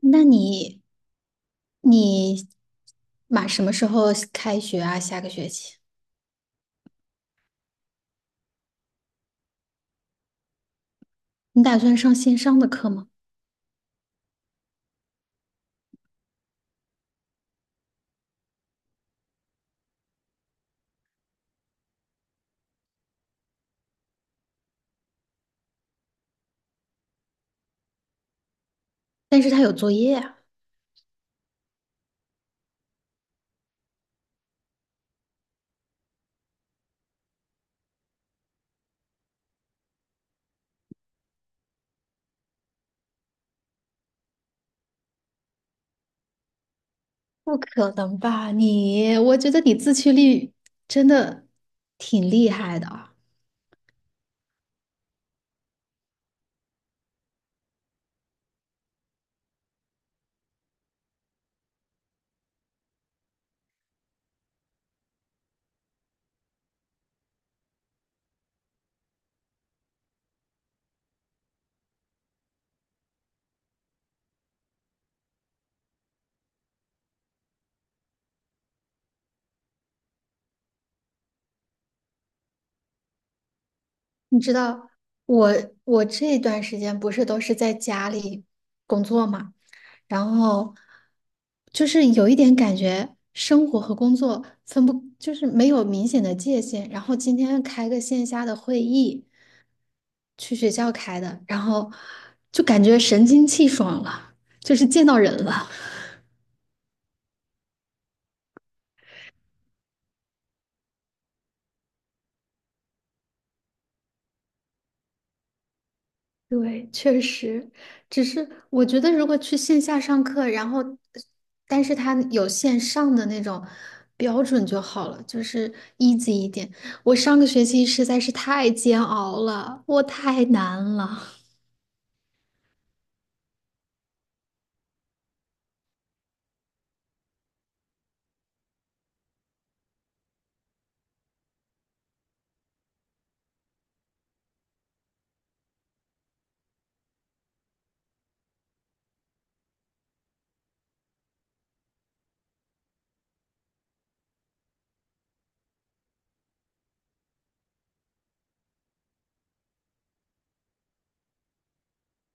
那你马什么时候开学啊？下个学期你打算上线上的课吗？但是他有作业啊，不可能吧？我觉得你自驱力真的挺厉害的啊。你知道我我这段时间不是都是在家里工作嘛，然后就是有一点感觉生活和工作分不，就是没有明显的界限。然后今天开个线下的会议。去学校开的，然后就感觉神清气爽了，就是见到人了。对，确实，只是我觉得如果去线下上课，但是他有线上的那种标准就好了，就是 easy 一点。我上个学期实在是太煎熬了，我太难了，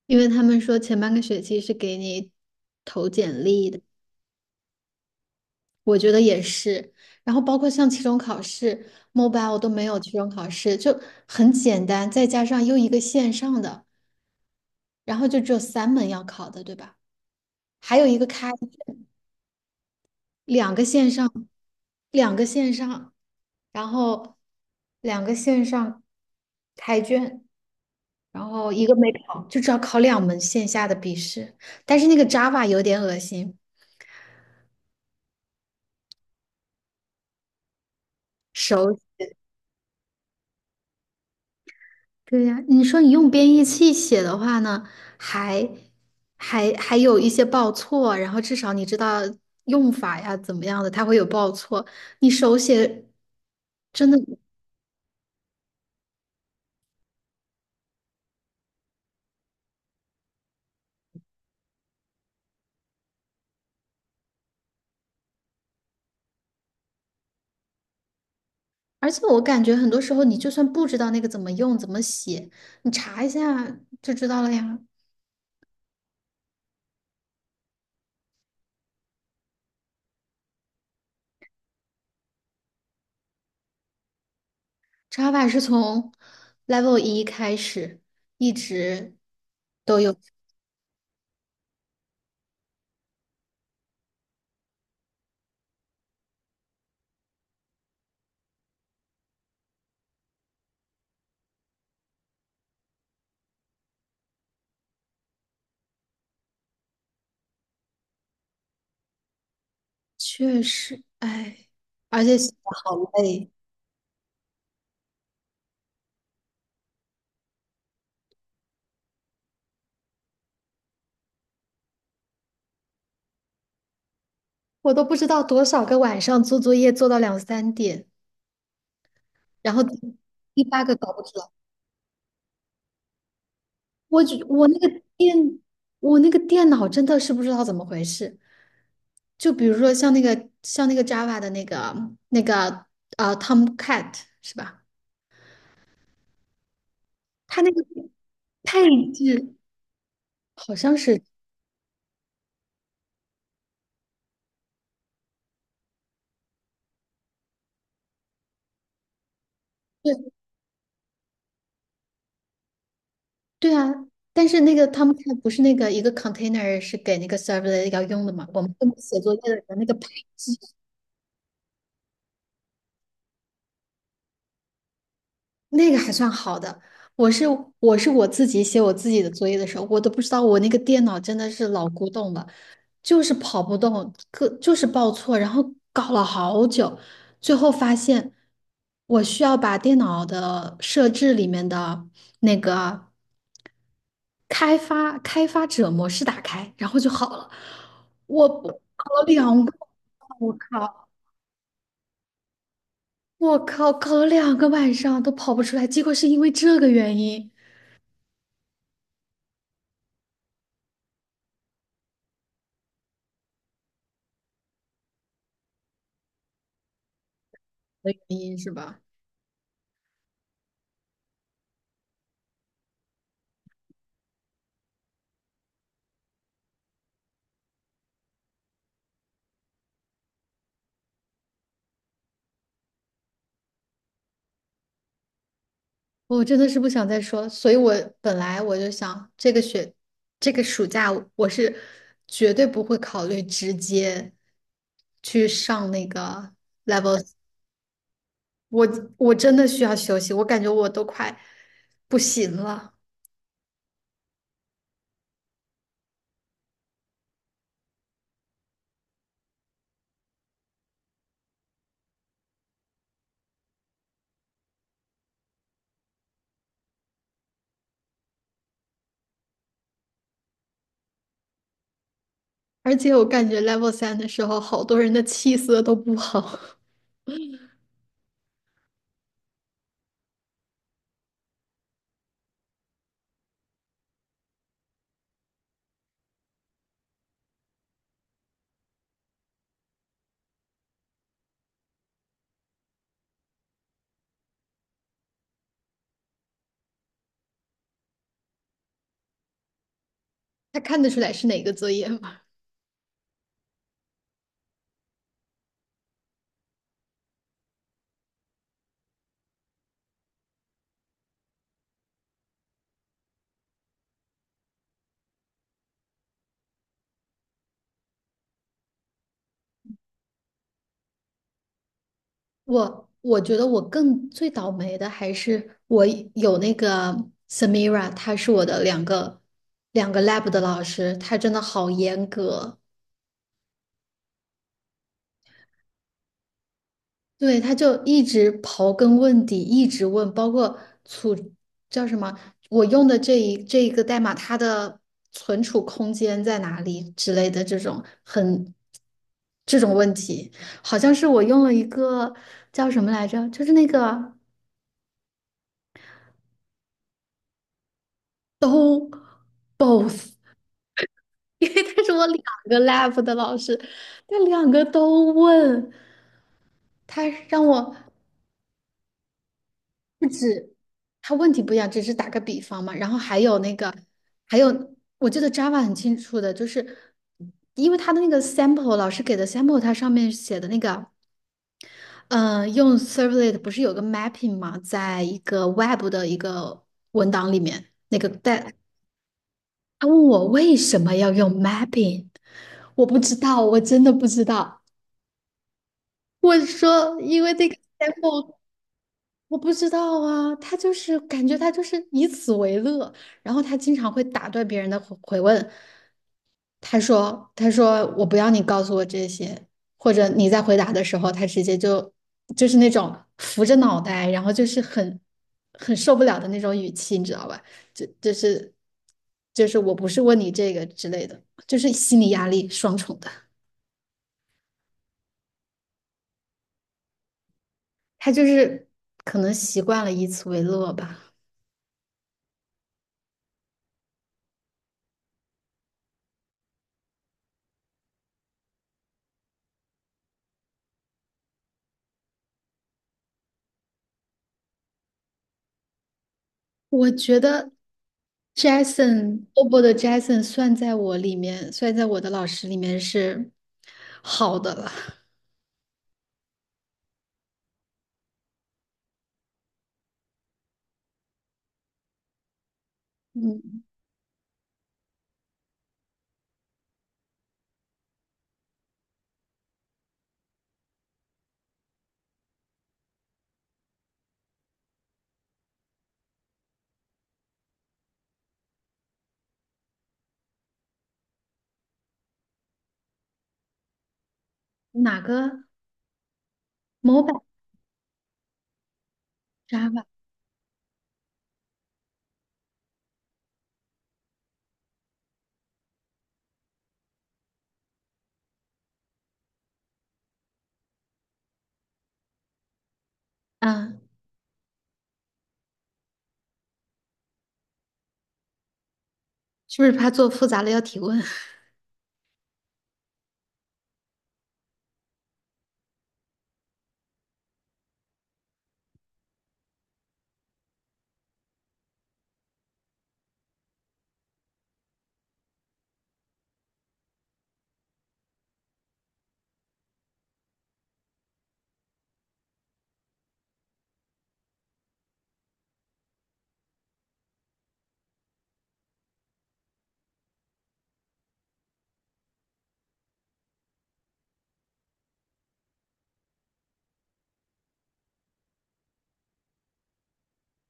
因为他们说前半个学期是给你投简历的。我觉得也是。然后包括像期中考试，mobile 都没有期中考试，就很简单，再加上又一个线上的，然后就只有3门要考的，对吧？还有一个开，两个线上，两个线上，然后两个线上开卷，然后一个没考，就只要考2门线下的笔试。但是那个 Java 有点恶心，手。对呀，你说你用编译器写的话呢，还还有一些报错，然后至少你知道用法呀怎么样的，它会有报错。你手写真的，而且我感觉很多时候你就算不知道那个怎么用、怎么写，你查一下就知道了呀。查法是从 Level 1开始一直都有，确实，哎，而且写的好累。我都不知道多少个晚上做作业做到两三点，然后第八个搞不出来。我就我那个电，我那个电脑真的是不知道怎么回事。就比如说像那个 Java 的那个 Tomcat 是吧？它那个配置好像是对对啊，但是那个 Tomcat 不是那个一个 container 是给那个 server 要用的嘛？我们这么写作业的人那个配置。那个还算好的。我是我是我自己写我自己的作业的时候，我都不知道我那个电脑真的是老古董了，就是跑不动，个就是报错，然后搞了好久，最后发现我需要把电脑的设置里面的那个开发者模式打开，然后就好了。我搞了两个，我靠，我靠，搞了两个晚上都跑不出来，结果是因为这个原因的原因是吧？我真的是不想再说所以我本来我就想，这个学，这个暑假我是绝对不会考虑直接去上那个 level，我我真的需要休息，我感觉我都快不行了，而且我感觉 level 3的时候，好多人的气色都不好，他看得出来是哪个作业吗？我觉得我更最倒霉的还是我有那个 Samira，她是我的两个 lab 的老师，她真的好严格，对，她就一直刨根问底，一直问，包括储叫什么，我用的这一个代码，它的存储空间在哪里之类的这种这种问题，好像是我用了一个叫什么来着，就是那个。都 both 但是我2个 lab 的老师，他两个都问，他让我他问题不一样，只是打个比方嘛。还有我记得 Java 很清楚的，就是因为他的那个 sample 老师给的 sample，它上面写的那个，呃，用 servlet 不是有个 mapping 嘛，在一个 web 的一个文档里面，但他问我为什么要用 mapping，我不知道，我真的不知道。我说，因为这个节目我不知道啊，他就是以此为乐，然后他经常会打断别人的回问，他说我不要你告诉我这些，或者你在回答的时候，他直接就那种扶着脑袋，然后就是很受不了的那种语气，你知道吧？就就是就是我不是问你这个之类的，就是心理压力双重的，他就是可能习惯了以此为乐吧。我觉得 Jason Obo 的 Jason 算在我的老师里面是好的了。嗯，哪个 Mobil Java 啊？是不是怕做复杂了要提问？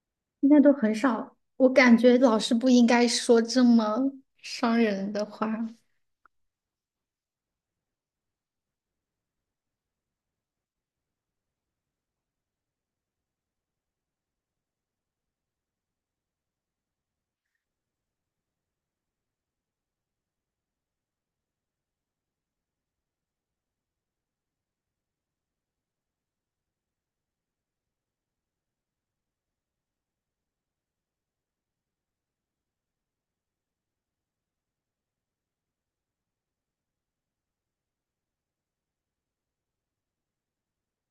现在都很少，我感觉老师不应该说这么伤人的话。